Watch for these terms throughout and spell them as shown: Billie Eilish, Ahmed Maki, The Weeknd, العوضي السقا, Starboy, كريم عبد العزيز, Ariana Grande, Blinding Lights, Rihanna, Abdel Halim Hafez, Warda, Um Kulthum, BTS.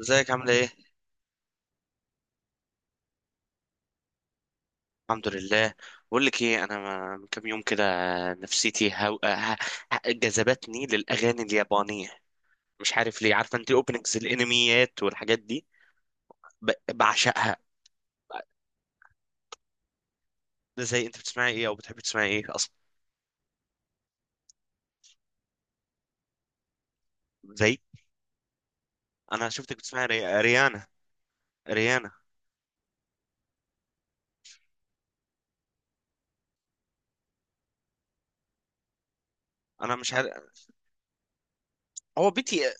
ازيك عاملة ايه؟ الحمد لله. بقول لك ايه، انا من كام يوم كده نفسيتي جذبتني للاغاني اليابانية. مش عارف ليه. عارفة انت اوبننجز الانميات والحاجات دي؟ بعشقها. زي انت بتسمعي ايه او بتحبي تسمعي ايه اصلا؟ زي. انا شفتك بتسمعي ريانا. ريانا. انا مش عارف. هو بي تي.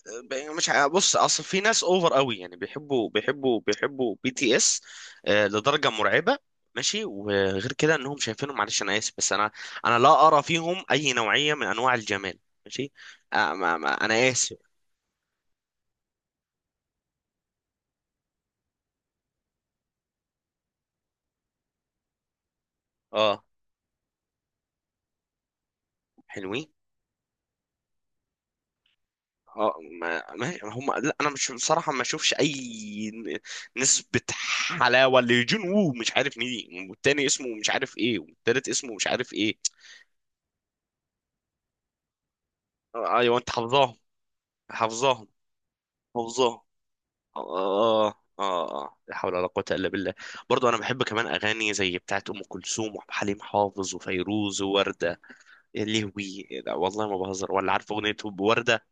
مش ع- بص، اصل في ناس اوفر قوي، يعني بيحبوا بي تي اس. لدرجه مرعبه. ماشي، وغير كده انهم شايفينهم، معلش انا اسف، بس انا انا لا ارى فيهم اي نوعيه من انواع الجمال. ماشي. آه ما ما انا اسف. اه حلوين. اه، ما هم لا، انا مش بصراحه ما اشوفش اي نسبه حلاوه لجون وو، مش عارف مين، والتاني اسمه مش عارف ايه، والتالت اسمه مش عارف ايه. ايوه انت حافظاهم. حافظاهم. حافظاهم. اه اه اه، لا حول ولا قوة الا بالله. برضو انا بحب كمان اغاني زي بتاعت ام كلثوم وعبد الحليم حافظ وفيروز ووردة. يا لهوي، لا والله ما بهزر، ولا عارف اغنية وردة.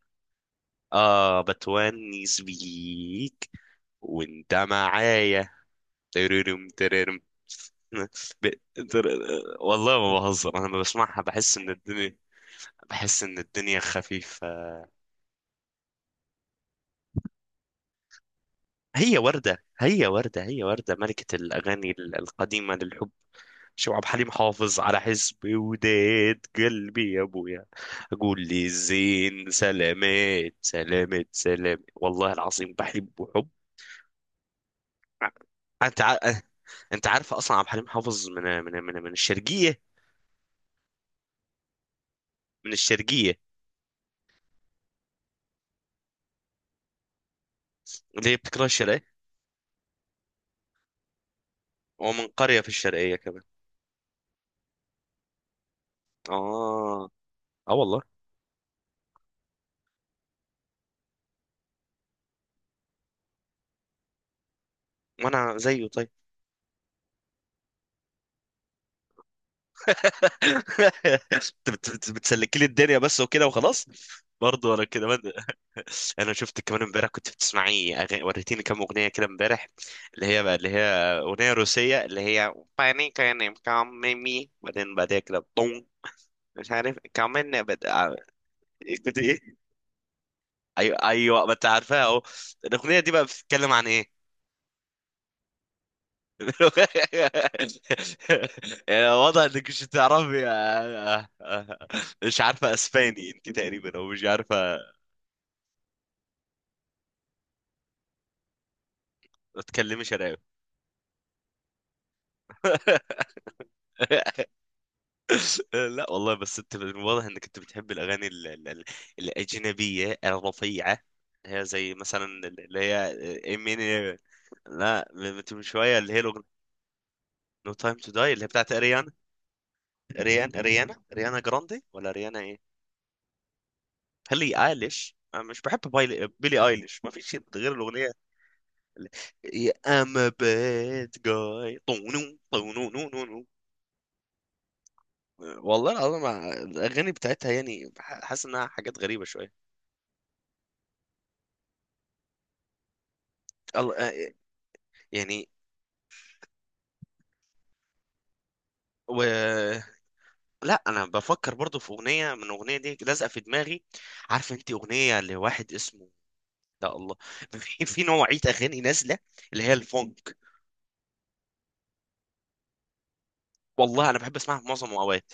اه، بتونس بيك، وانت معايا. تررم تررم. ب... تر... والله ما بهزر، انا لما بسمعها بحس ان الدنيا، بحس ان الدنيا خفيفة. هي وردة، هي وردة، هي وردة ملكة الاغاني القديمة للحب. ماشي، وعبد الحليم حافظ على حسبي وداد قلبي يا ابويا، اقول لي الزين سلامات سلامات سلامات. والله العظيم بحبه حب. انت ع... انت عارف اصلا عبد الحليم حافظ من الشرقيه؟ من الشرقيه. اللي هي بتكره الشرقيه. هو من قريه في الشرقيه كمان. اه. اه والله. وانا زيه، طيب. بتسلكي لي الدنيا بس وكده وخلاص. برضه انا كده. انا شفتك كمان امبارح كنت بتسمعي أغاني، وريتيني كام اغنيه كده امبارح، اللي هي بقى، اللي هي اغنيه روسيه اللي هي باني كان كاميمي، بعدين بعدها كده طون، مش عارف كمان بد... آه، كنت ايه. ايوه ايوه، ما انت عارفها اهو. الاغنيه دي بقى بتتكلم عن ايه؟ يعني واضح انك مش بتعرفي. مش عارفه اسباني انت تقريبا، او مش عارفه. ما تتكلمي شراوي. لا والله، بس انت من واضح انك انت بتحب الاغاني الاجنبيه الرفيعه. هي زي مثلا اللي هي امين. لا، من من شويه اللي هي الاغنيه نو تايم تو داي، اللي هي بتاعت اريانا. اريان اريانا اريانا جراندي، ولا اريانا ايه؟ هلي ايليش. أنا مش بحب بيلي ايليش، ما فيش شيء غير الاغنيه اللي. I'm a bad guy طونو طونو نو نو نو. والله العظيم الاغاني بتاعتها يعني حاسس انها حاجات غريبه شويه. الله آه، يعني و، لا انا بفكر برضو في اغنيه، من الاغنيه دي لازقه في دماغي. عارف انت اغنيه لواحد اسمه، لا الله، في نوعيه اغاني نازله اللي هي الفونك. والله انا بحب اسمعها في معظم الاوقات.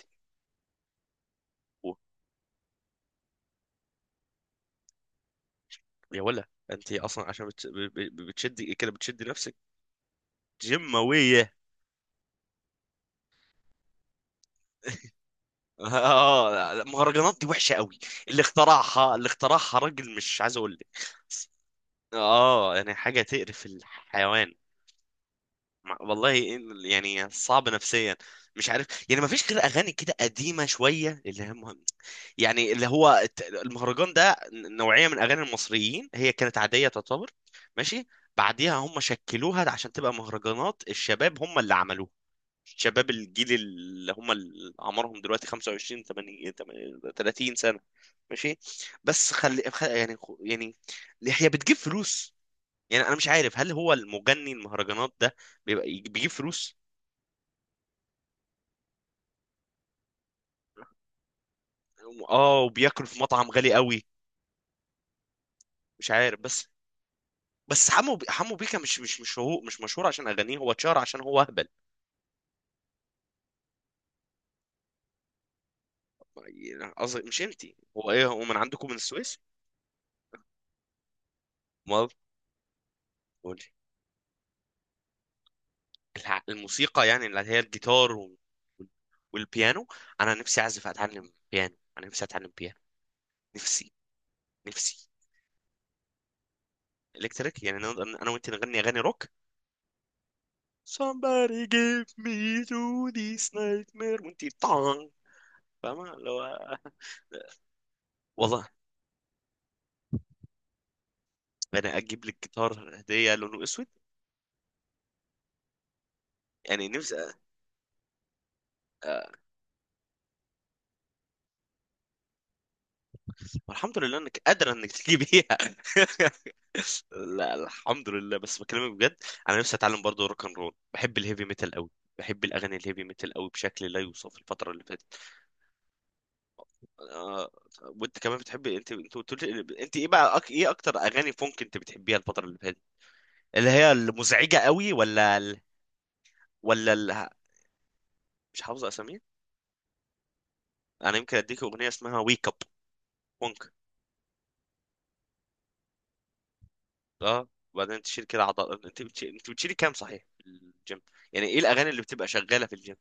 و- يا، ولا انت اصلا عشان بتشدي كده، بتشدي نفسك. جماويه. اه المهرجانات دي وحشه قوي. اللي اخترعها، اللي اخترعها راجل مش عايز اقول لك. اه يعني حاجه تقرف الحيوان. والله يعني صعب نفسيا، مش عارف يعني، ما فيش غير اغاني كده قديمه شويه اللي هي مهم. يعني اللي هو المهرجان ده نوعيه من اغاني المصريين، هي كانت عاديه تعتبر. ماشي. بعديها هم شكلوها عشان تبقى مهرجانات الشباب، هم اللي عملوها. شباب الجيل اللي هم اللي عمرهم دلوقتي 25 8 30 سنه. ماشي. بس خلي خ- يعني خ- يعني هي بتجيب فلوس. يعني انا مش عارف هل هو المغني المهرجانات ده بيبقى بيجيب فلوس؟ اه، وبياكل في مطعم غالي قوي. مش عارف بس. بس حمو بيكا مش مشهور عشان اغانيه، هو اتشهر عشان هو اهبل. يعني قصدي مش انتي، هو ايه هو من عندكم من السويس؟ امال. قولي. الموسيقى يعني اللي هي الجيتار والبيانو. انا نفسي اعزف، اتعلم بيانو. انا نفسي اتعلم بيانو. نفسي. نفسي. الكتريك، يعني انا، أنا وانت نغني اغاني روك. somebody give me to this nightmare وانتي طعن. فاهمة اللي هو. والله انا اجيب لك جيتار هدية لونه اسود. يعني نفسي. أ- والحمد لله انك قادرة انك تجيبيها. لا الحمد لله، بس بكلمك بجد. انا نفسي اتعلم برضه روك اند رول. بحب الهيفي ميتال قوي. بحب الاغاني الهيفي ميتال قوي بشكل لا يوصف الفترة اللي فاتت. آه، وانت كمان بتحبي، انت انت قلت لي انت ايه بقى ايه اكتر اغاني فونك انت بتحبيها الفترة اللي فاتت، اللي هي المزعجة قوي، ولا؟ ولا ال، مش حافظ اساميه. انا يمكن اديك اغنيه اسمها ويك اب، بونك. اه. وبعدين تشيل كده عضل. انت انت بتشيلي كام صحيح في الجيم؟ يعني ايه الاغاني اللي بتبقى شغاله في الجيم؟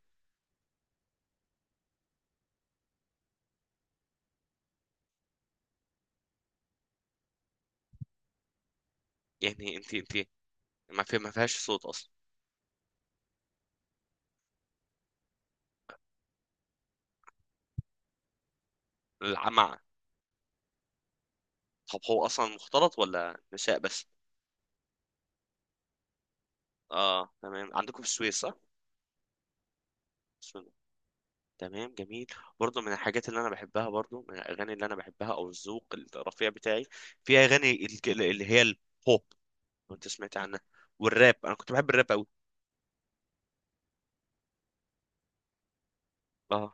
يعني انت انت ما في، ما فيهاش صوت اصلا؟ العمع. طب هو اصلا مختلط ولا نساء بس؟ اه تمام، عندكم في السويس صح. بسم الله. تمام، جميل. برضو من الحاجات اللي انا بحبها، برضو من الاغاني اللي انا بحبها، او الذوق الرفيع بتاعي، في اغاني اللي هي البوب، لو انت سمعت عنها، والراب. انا كنت بحب الراب قوي. اه.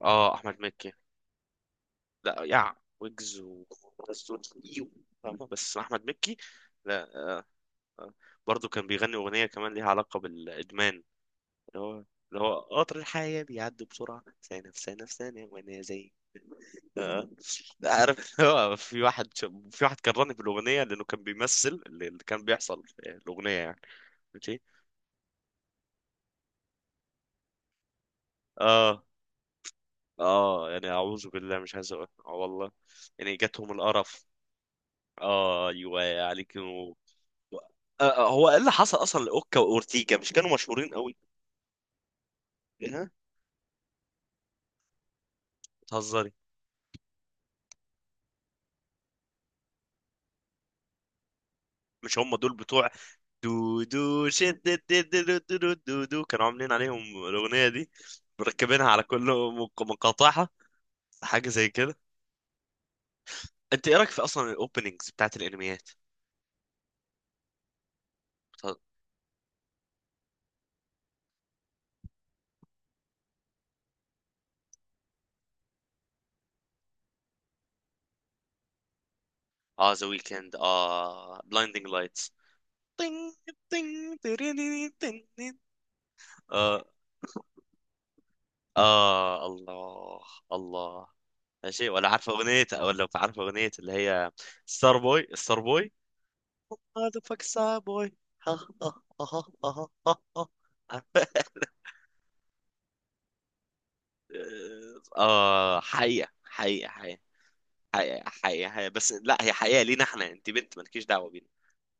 اه احمد مكي. لا يع، ويجز و، إيو. فاهمة؟ بس احمد مكي. لا. آه. آه. برضه كان بيغني اغنيه كمان ليها علاقه بالادمان، اللي هو، اللي هو قطر الحياه بيعدي بسرعه، ثانيه في ثانيه في ثانيه وانا زي. آه. عارف. هو في واحد، في واحد كرهني في الاغنيه، لانه كان بيمثل اللي كان بيحصل في الاغنيه يعني. ماشي. اه اه يعني اعوذ بالله، مش عايز اقول. آه والله، يعني جاتهم القرف. اه ايوه عليك. آه، هو ايه اللي حصل اصلا لاوكا واورتيجا؟ مش كانوا مشهورين قوي؟ إيه، ها؟ بتهزري. مش هم دول بتوع دو دو شد دو دو، دو دو دو دو، كانوا عاملين عليهم الاغنيه دي، مركبينها على كل مقاطعها، حاجه زي كده. انت ايه رايك في اصلا الاوبننجز بتاعت الانميات؟ بتهز- اه ذا ويكند، اه بلايندينج لايتس. تين، تين تيريري تين تين. اه. اه الله. الله. ماشي. ولا عارفه اغنيه، ولا لو عارفه اغنيه اللي هي ستار بوي، ستار بوي. ماذا فاك ستار بوي. ها ها ها ها ها ها. عارفة؟ اه حقيقه حقيقه حقيقه. حقيقه حقيقه حقيقة. بس لا هي حقيقه لينا احنا، انت بنت مالكيش دعوه بينا لو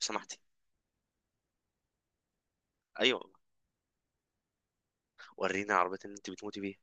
سمحتي. ايوه. ورينا عربيه اللي انت بتموتي بيها.